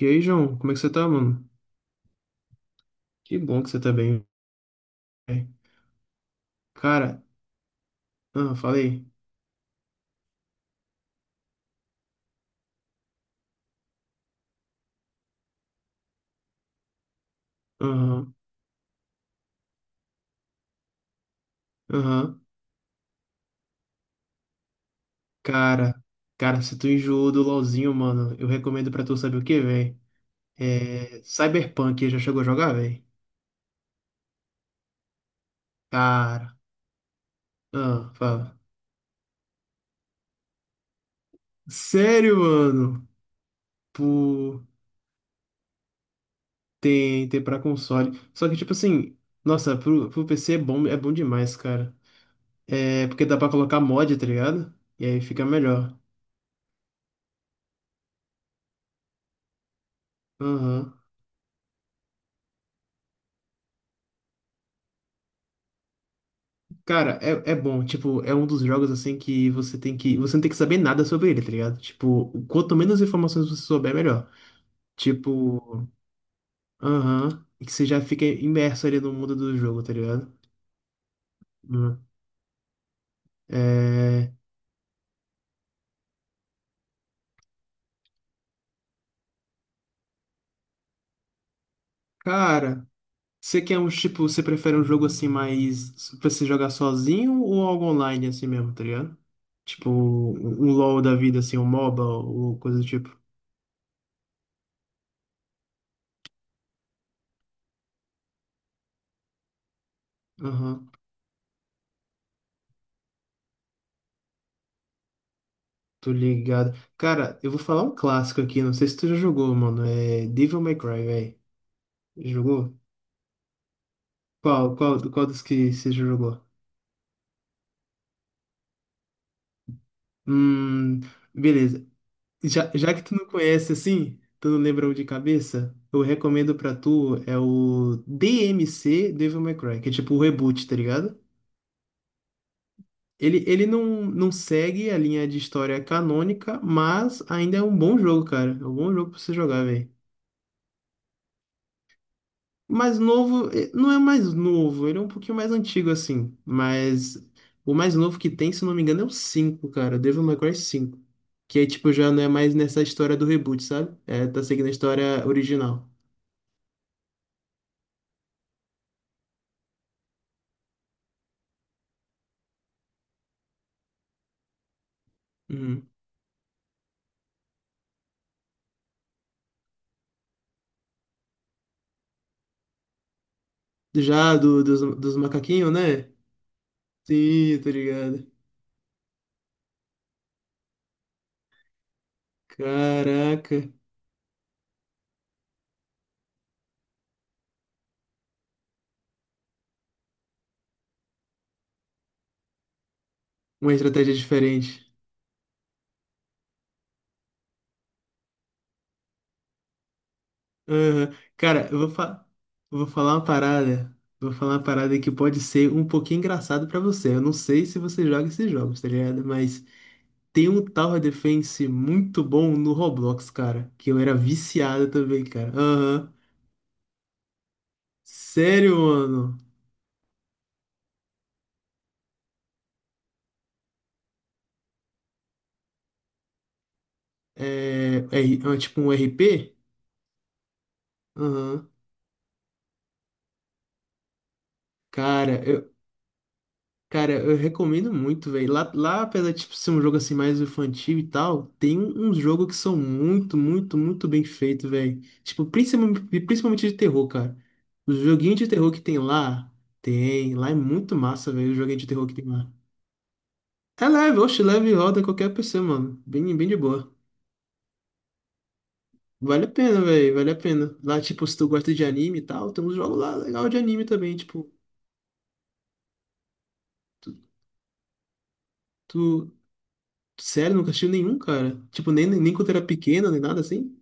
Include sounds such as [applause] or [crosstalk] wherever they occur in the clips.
E aí, João, como é que você tá, mano? Que bom que você tá bem, velho. Cara, falei. Aham, aham. Cara, cara, se tu enjoou do LoLzinho, mano, eu recomendo pra tu saber o que, velho? É. Cyberpunk, já chegou a jogar, velho? Cara, ah, fala. Sério, mano? Pô, tem pra console. Só que, tipo assim, nossa, pro PC é bom demais, cara. É, porque dá pra colocar mod, tá ligado? E aí fica melhor. Aham. Cara, é, é bom, tipo, é um dos jogos assim que você tem que. Você não tem que saber nada sobre ele, tá ligado? Tipo, quanto menos informações você souber, melhor. Tipo, aham, e que você já fica imerso ali no mundo do jogo, tá ligado? Uhum. É, cara, você quer um tipo, você prefere um jogo assim mais pra você jogar sozinho ou algo online assim mesmo, tá ligado? Tipo, um LoL da vida, assim, um MOBA ou coisa do tipo. Aham. Tô ligado. Cara, eu vou falar um clássico aqui, não sei se tu já jogou, mano. É Devil May Cry, velho. Jogou? Qual dos que você já jogou? Hum, beleza. Já que tu não conhece assim, tu não lembra um de cabeça, eu recomendo pra tu é o DMC Devil May Cry, que é tipo o reboot, tá ligado? Ele não, Não segue a linha de história canônica, mas ainda é um bom jogo, cara. É um bom jogo pra você jogar, velho. Mais novo, não é mais novo, ele é um pouquinho mais antigo assim, mas o mais novo que tem, se não me engano, é o 5 cara, Devil May Cry cinco que aí tipo já não é mais nessa história do reboot, sabe? É, tá seguindo a história original. Uhum. Já dos macaquinhos, né? Sim, tô ligado. Caraca, uma estratégia diferente. Aham. Cara, eu vou, fa Vou falar uma parada. Vou falar uma parada que pode ser um pouquinho engraçado pra você. Eu não sei se você joga esses jogos, tá ligado? Mas tem um Tower Defense muito bom no Roblox, cara. Que eu era viciado também, cara. Aham. Sério, mano. É, é, é tipo um RP? Aham. Cara, eu, cara, eu recomendo muito, velho. Lá, apesar de tipo, ser um jogo assim mais infantil e tal, tem um, uns jogos que são muito, muito, muito bem feitos, velho. Tipo, principalmente de terror, cara. Os joguinhos de terror que tem. Lá é muito massa, velho, o joguinho de terror que tem lá. É leve, oxe, leve e roda qualquer PC, mano. Bem, bem de boa. Vale a pena, velho, vale a pena. Lá, tipo, se tu gosta de anime e tal, tem uns jogos lá legal de anime também, tipo, tu, tu- sério, nunca assistiu nenhum, cara? Tipo, nem, nem quando era pequeno, nem nada assim?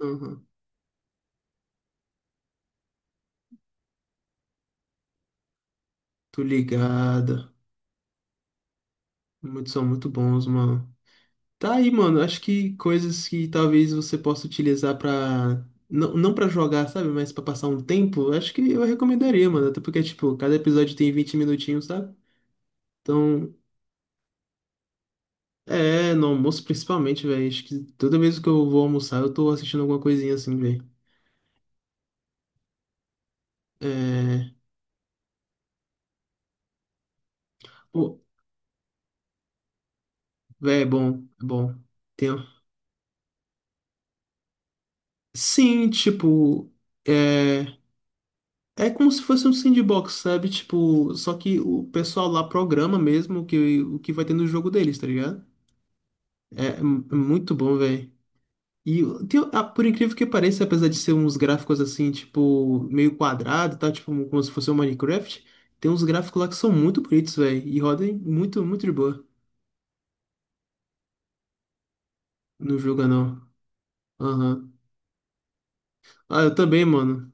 Aham. Tô ligada. Muitos são muito bons, mano. Tá aí, mano, acho que coisas que talvez você possa utilizar pra... Não pra jogar, sabe? Mas pra passar um tempo, acho que eu recomendaria, mano. Até porque, tipo, cada episódio tem 20 minutinhos, sabe? Então, é, no almoço principalmente, velho. Acho que toda vez que eu vou almoçar, eu tô assistindo alguma coisinha assim, velho. É. Pô, velho, é bom, é bom. Tem... um, sim, tipo. É. É como se fosse um sandbox, sabe? Tipo, só que o pessoal lá programa mesmo o que vai ter no jogo deles, tá ligado? É, é muito bom, velho. E tem- ah, por incrível que pareça, apesar de ser uns gráficos assim, tipo, meio quadrado, tá? Tipo, como se fosse um Minecraft, tem uns gráficos lá que são muito bonitos, velho. E rodem muito, muito de boa. Não julga, não. Aham. Ah, eu também, mano.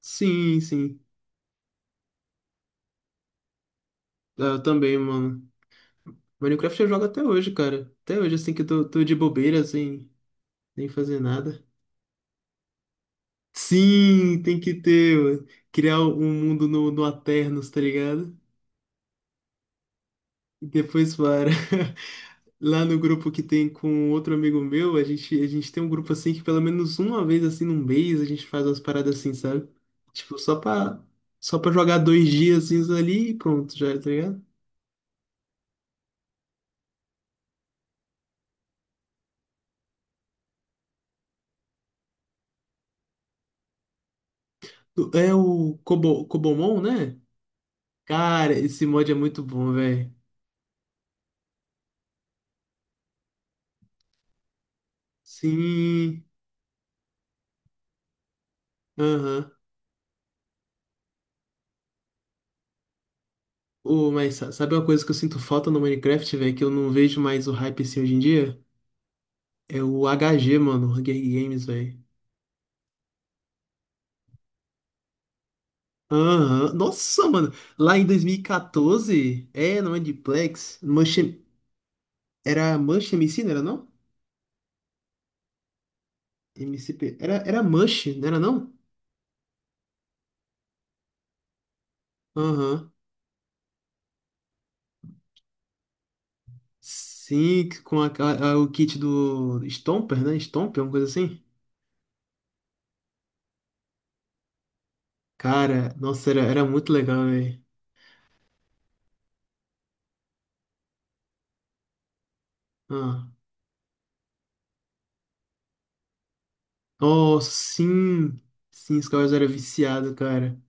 Sim, sim. Ah, eu também, mano. Minecraft eu jogo até hoje, cara. Até hoje, assim, que eu tô de bobeira, assim, sem nem fazer nada. Sim, tem que ter, mano. Criar um mundo no Aternos, tá ligado? E depois para. [laughs] Lá no grupo que tem com outro amigo meu, a gente tem um grupo assim que pelo menos uma vez assim num mês a gente faz umas paradas assim, sabe? Tipo, só pra jogar dois dias ali e pronto, já, tá ligado? É o Kobomon, né? Cara, esse mod é muito bom, velho. Sim, aham. Ô, mas sa- sabe uma coisa que eu sinto falta no Minecraft, velho, que eu não vejo mais o hype assim hoje em dia? É o HG, mano, o Hunger Games, velho. Aham. Nossa, mano. Lá em 2014, é, não é de Plex. Mush, era Mush MC, não era não? MCP. Era Mush, não era não? Aham. Sim, com a- o kit do Stomper, né? Stomper, uma coisa assim. Cara, nossa, era muito legal, velho. Ah. Oh, sim. Sim, os caras era viciado, cara.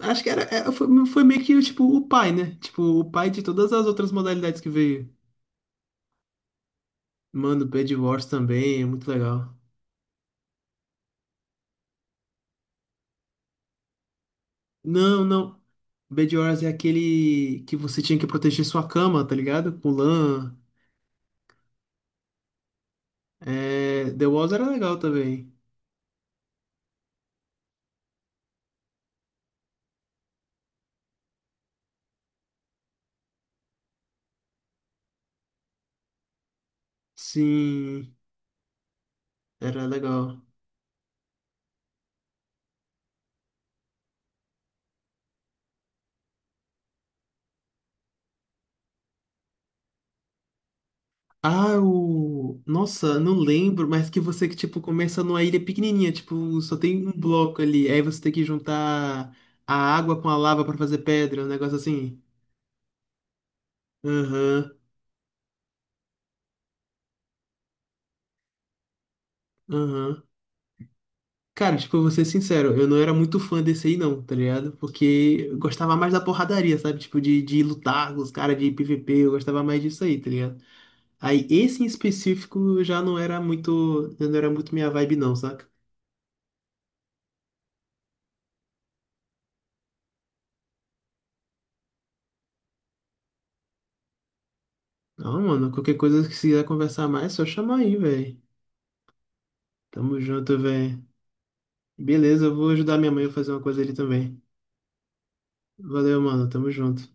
Acho que era, é, foi, foi meio que tipo, o pai, né? Tipo, o pai de todas as outras modalidades que veio. Mano, Bed Wars também é muito legal. Não, não. Bed Wars é aquele que você tinha que proteger sua cama, tá ligado? Com lã. É... The Walls era legal também. Sim, era legal. Ah, o... Nossa, não lembro, mas que você que, tipo, começa numa ilha pequenininha, tipo, só tem um bloco ali. Aí você tem que juntar a água com a lava pra fazer pedra, um negócio assim. Aham, aham. Cara, tipo, eu vou ser sincero, eu não era muito fã desse aí não, tá ligado? Porque eu gostava mais da porradaria, sabe? Tipo, de lutar com os caras de PVP, eu gostava mais disso aí, tá ligado? Aí esse em específico já não era muito minha vibe não, saca? Não, mano, qualquer coisa que você quiser conversar mais, é só chamar aí, velho. Tamo junto, velho. Beleza, eu vou ajudar minha mãe a fazer uma coisa ali também. Valeu, mano, tamo junto.